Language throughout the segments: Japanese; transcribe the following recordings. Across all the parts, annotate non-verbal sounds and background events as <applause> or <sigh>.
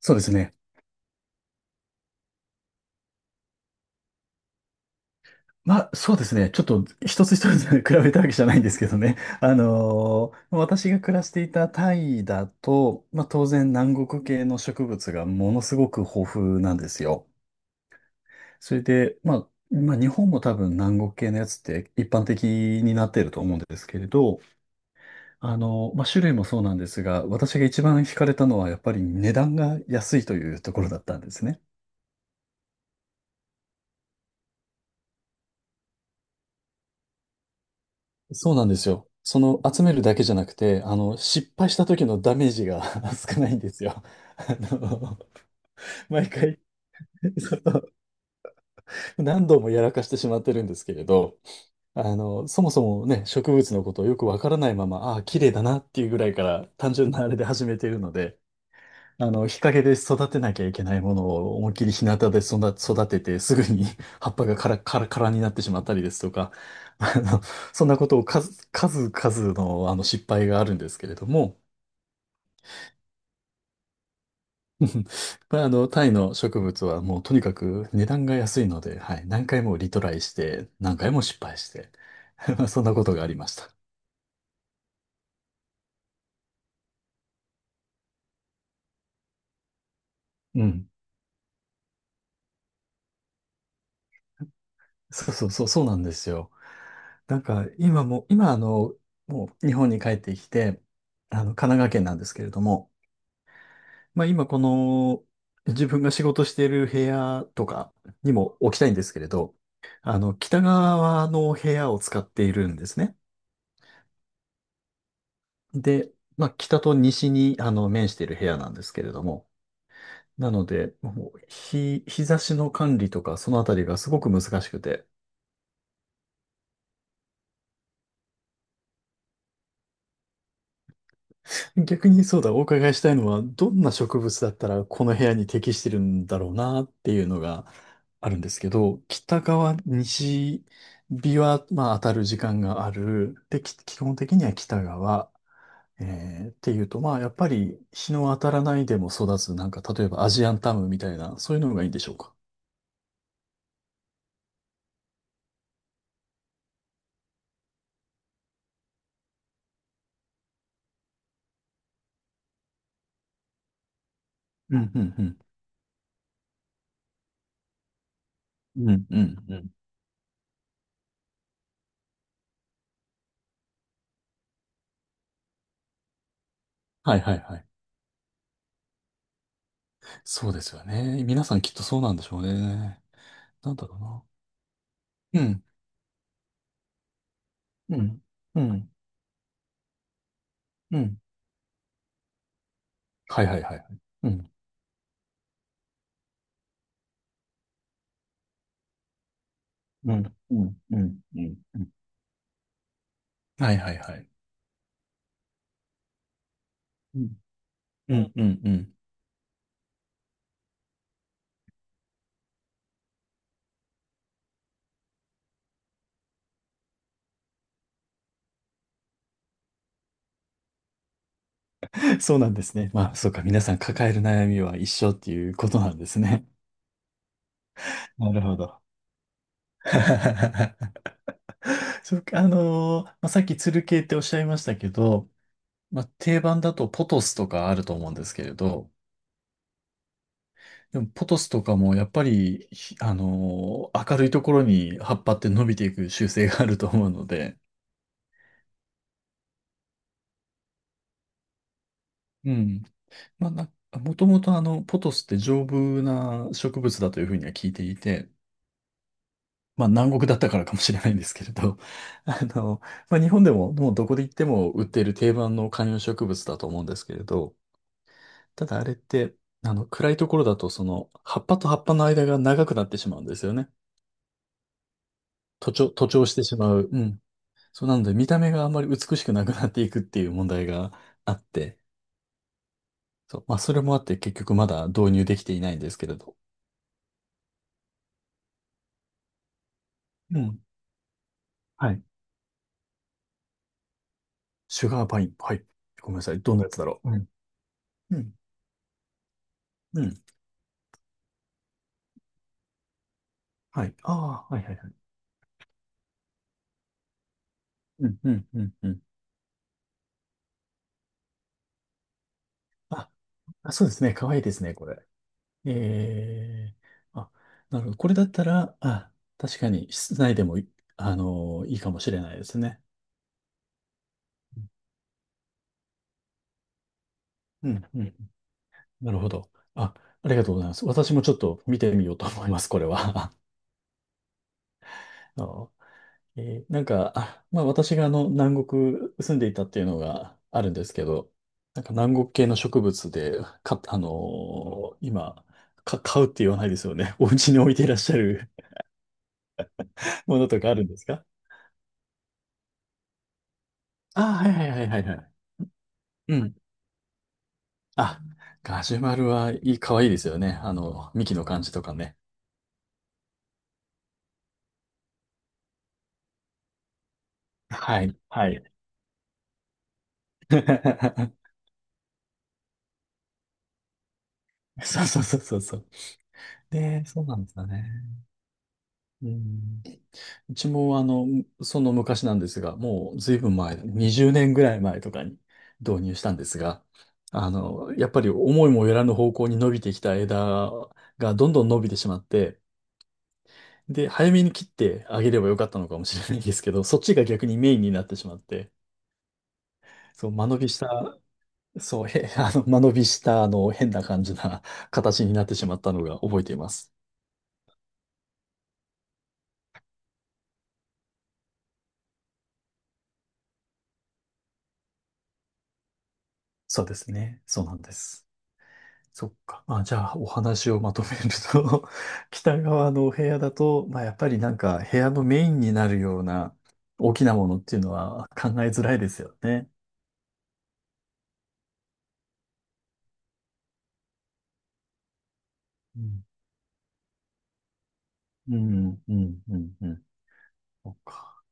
そうですね。まあ、そうですね。ちょっと一つ一つ <laughs> 比べたわけじゃないんですけどね。私が暮らしていたタイだと、まあ当然南国系の植物がものすごく豊富なんですよ。それで、まあ日本も多分南国系のやつって一般的になっていると思うんですけれど、まあ種類もそうなんですが、私が一番惹かれたのはやっぱり値段が安いというところだったんですね。そうなんですよ。その集めるだけじゃなくて、失敗した時のダメージが <laughs> 少ないんですよ。あの、毎回その何度もやらかしてしまってるんですけれど、そもそもね、植物のことをよくわからないまま、ああ、綺麗だなっていうぐらいから単純なあれで始めているので、日陰で育てなきゃいけないものを思いっきり日向で育てて、すぐに <laughs> 葉っぱがカラカラカラになってしまったりですとか、<laughs> あの、そんなことを数々の、失敗があるんですけれども、<laughs> まあ、タイの植物はもうとにかく値段が安いので、はい、何回もリトライして、何回も失敗して、<laughs> まあそんなことがありました。うん。そうそうそう、そうなんですよ。なんか今も、今もう日本に帰ってきて、神奈川県なんですけれども、まあ今この自分が仕事している部屋とかにも置きたいんですけれど、北側の部屋を使っているんですね。で、まあ北と西に面している部屋なんですけれども、なので、もう日差しの管理とかそのあたりがすごく難しくて、逆にそうだ、お伺いしたいのは、どんな植物だったらこの部屋に適してるんだろうなっていうのがあるんですけど、北側、西日は、まあ、当たる時間がある。で、基本的には北側。っていうと、まあ、やっぱり日の当たらないでも育つ、なんか、例えばアジアンタムみたいな、そういうのがいいんでしょうか。うん、うん、うん。うん、うん、うん。はい、はい、はい。そうですよね。皆さんきっとそうなんでしょうね。なんだろうな。うん、うん、うん、うん。はいはいはい。うん、うん、うん、うん、うん。うん。はいはいはい。うん、うん、うん。うん。そうなんですね。まあ、そうか。皆さん抱える悩みは一緒っていうことなんですね。なるほど。<laughs> そうか。まあ、さっきつる系っておっしゃいましたけど、まあ、定番だとポトスとかあると思うんですけれど、でもポトスとかもやっぱり、明るいところに葉っぱって伸びていく習性があると思うので、うん。まあ、もともとポトスって丈夫な植物だというふうには聞いていて、まあ南国だったからかもしれないんですけれど、<laughs> あの、まあ日本でももうどこで行っても売っている定番の観葉植物だと思うんですけれど、ただあれって、暗いところだとその、葉っぱと葉っぱの間が長くなってしまうんですよね。徒長してしまう。うん。そうなので見た目があんまり美しくなくなっていくっていう問題があって、そう、まあそれもあって結局まだ導入できていないんですけれど。うん。はい。シュガーパイン。はい。ごめんなさい。どんなやつだろう。うん。うん。うん。はい。ああ、はいはいはい。うん、うん、うん、うん。あ、そうですね。かわいいですね、これ。ええ、あ、なるほど。これだったら、あ、確かに室内でもいいかもしれないですね。うん、うん。なるほど。あ、ありがとうございます。私もちょっと見てみようと思います、これは。<laughs> あのなんか、あ、まあ私が南国住んでいたっていうのがあるんですけど、なんか南国系の植物で、今、買うって言わないですよね。<laughs> お家に置いていらっしゃる <laughs> ものとかあるんですか？あ。はいはいはいはいはい。うん。あ、ガジュマルはいい、かわいいですよね。幹の感じとかね。はい、はい。<laughs> そうそうそうそうそう。で、そうなんですよね。うん。うちもその昔なんですが、もうずいぶん前、20年ぐらい前とかに導入したんですが、やっぱり思いもよらぬ方向に伸びてきた枝がどんどん伸びてしまって、で、早めに切ってあげればよかったのかもしれないんですけど、そっちが逆にメインになってしまって、そう、間延びした、そう、へ、<laughs> 間延びした、変な感じな形になってしまったのが覚えています。そうですね。そうなんです。そっか。あ、じゃあ、お話をまとめると <laughs> 北側のお部屋だと、まあ、やっぱりなんか、部屋のメインになるような大きなものっていうのは考えづらいですよね。うん、うん、うん、うん。うん。そっか。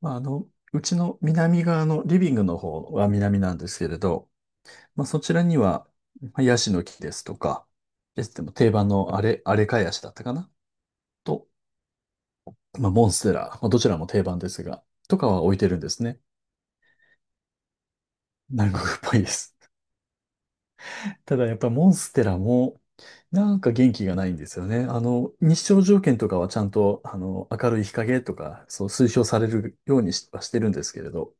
まあ、うちの南側のリビングの方は南なんですけれど、まあ、そちらには、まあヤシの木ですとか、ですでも定番のあれ、あれかヤシだったかなと、まあ、モンステラ、まあ、どちらも定番ですが、とかは置いてるんですね。南国っぽいです。ただやっぱりモンステラも、なんか元気がないんですよね。日照条件とかはちゃんと、明るい日陰とか、そう推奨されるようにしはしてるんですけれど、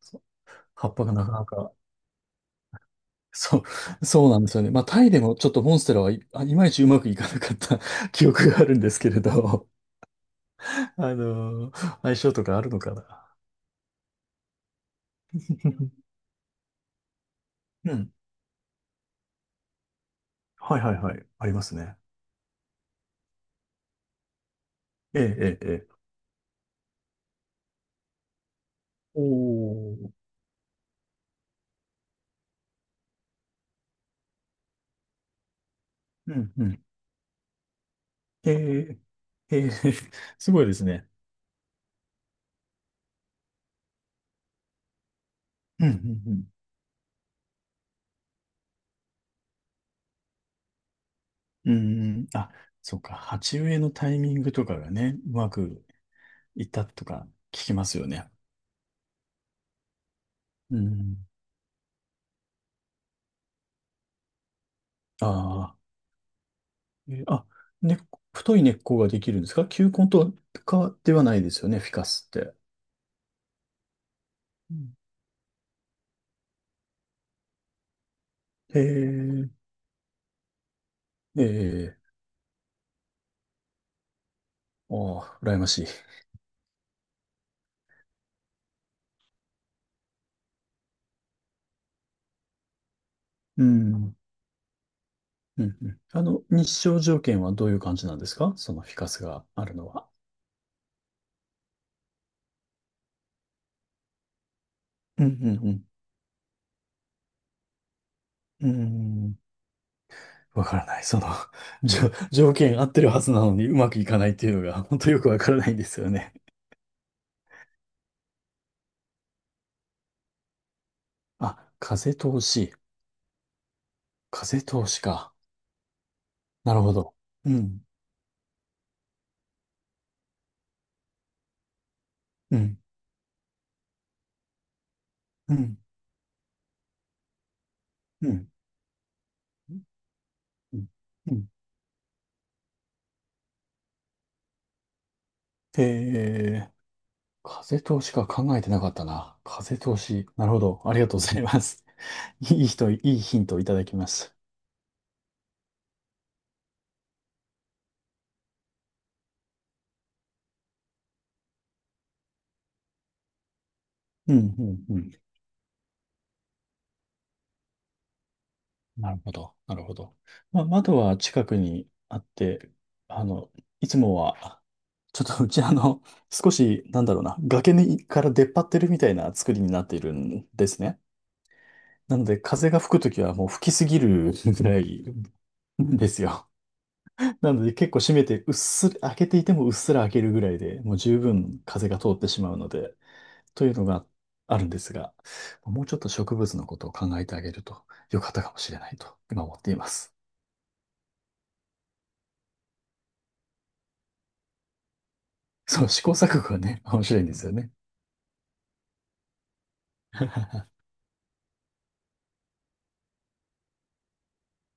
そう。葉っぱがなかなか、そう、そうなんですよね。まあ、タイでもちょっとモンステラはいまいちうまくいかなかった <laughs> 記憶があるんですけれど、あの、相性とかあるのかな。<laughs> うん。はいはいはい。ありますね。ええ、ええ、ええ。おー。うん、うん。ええ、ええ、<laughs> すごいですね。うん、うん、うん。うん。うん。あ、そうか。鉢植えのタイミングとかがね、うまくいったとか聞きますよね。うん。ああ、あ、根っこ太い根っこができるんですか？球根とかではないですよね、フィカスって。うん。へえ、ええ、ああ、羨ましい。うん。うん。うん、日照条件はどういう感じなんですか？そのフィカスがあるのは。うん、うん、うん。うん。わからない。その、条件合ってるはずなのにうまくいかないっていうのが、本当よくわからないんですよね。あ、風通し。風通しか。なるほど。うん、うん、うん、うん、うん。うん。えー、風通しか考えてなかったな。風通し。なるほど。ありがとうございます。<laughs> いい人、いいヒントをいただきます。うん、うん、うん。なるほど、なるほど。まあ、窓は近くにあって、あの、いつもは、ちょっとうち少し、なんだろうな、崖にから出っ張ってるみたいな作りになっているんですね。なので、風が吹くときはもう吹きすぎるぐらいですよ。<laughs> なので、結構閉めて、うっすら、開けていてもうっすら開けるぐらいでもう十分風が通ってしまうので、というのがあるんですが、もうちょっと植物のことを考えてあげると良かったかもしれないと、今思っています。そう、試行錯誤がね、面白いんですよね。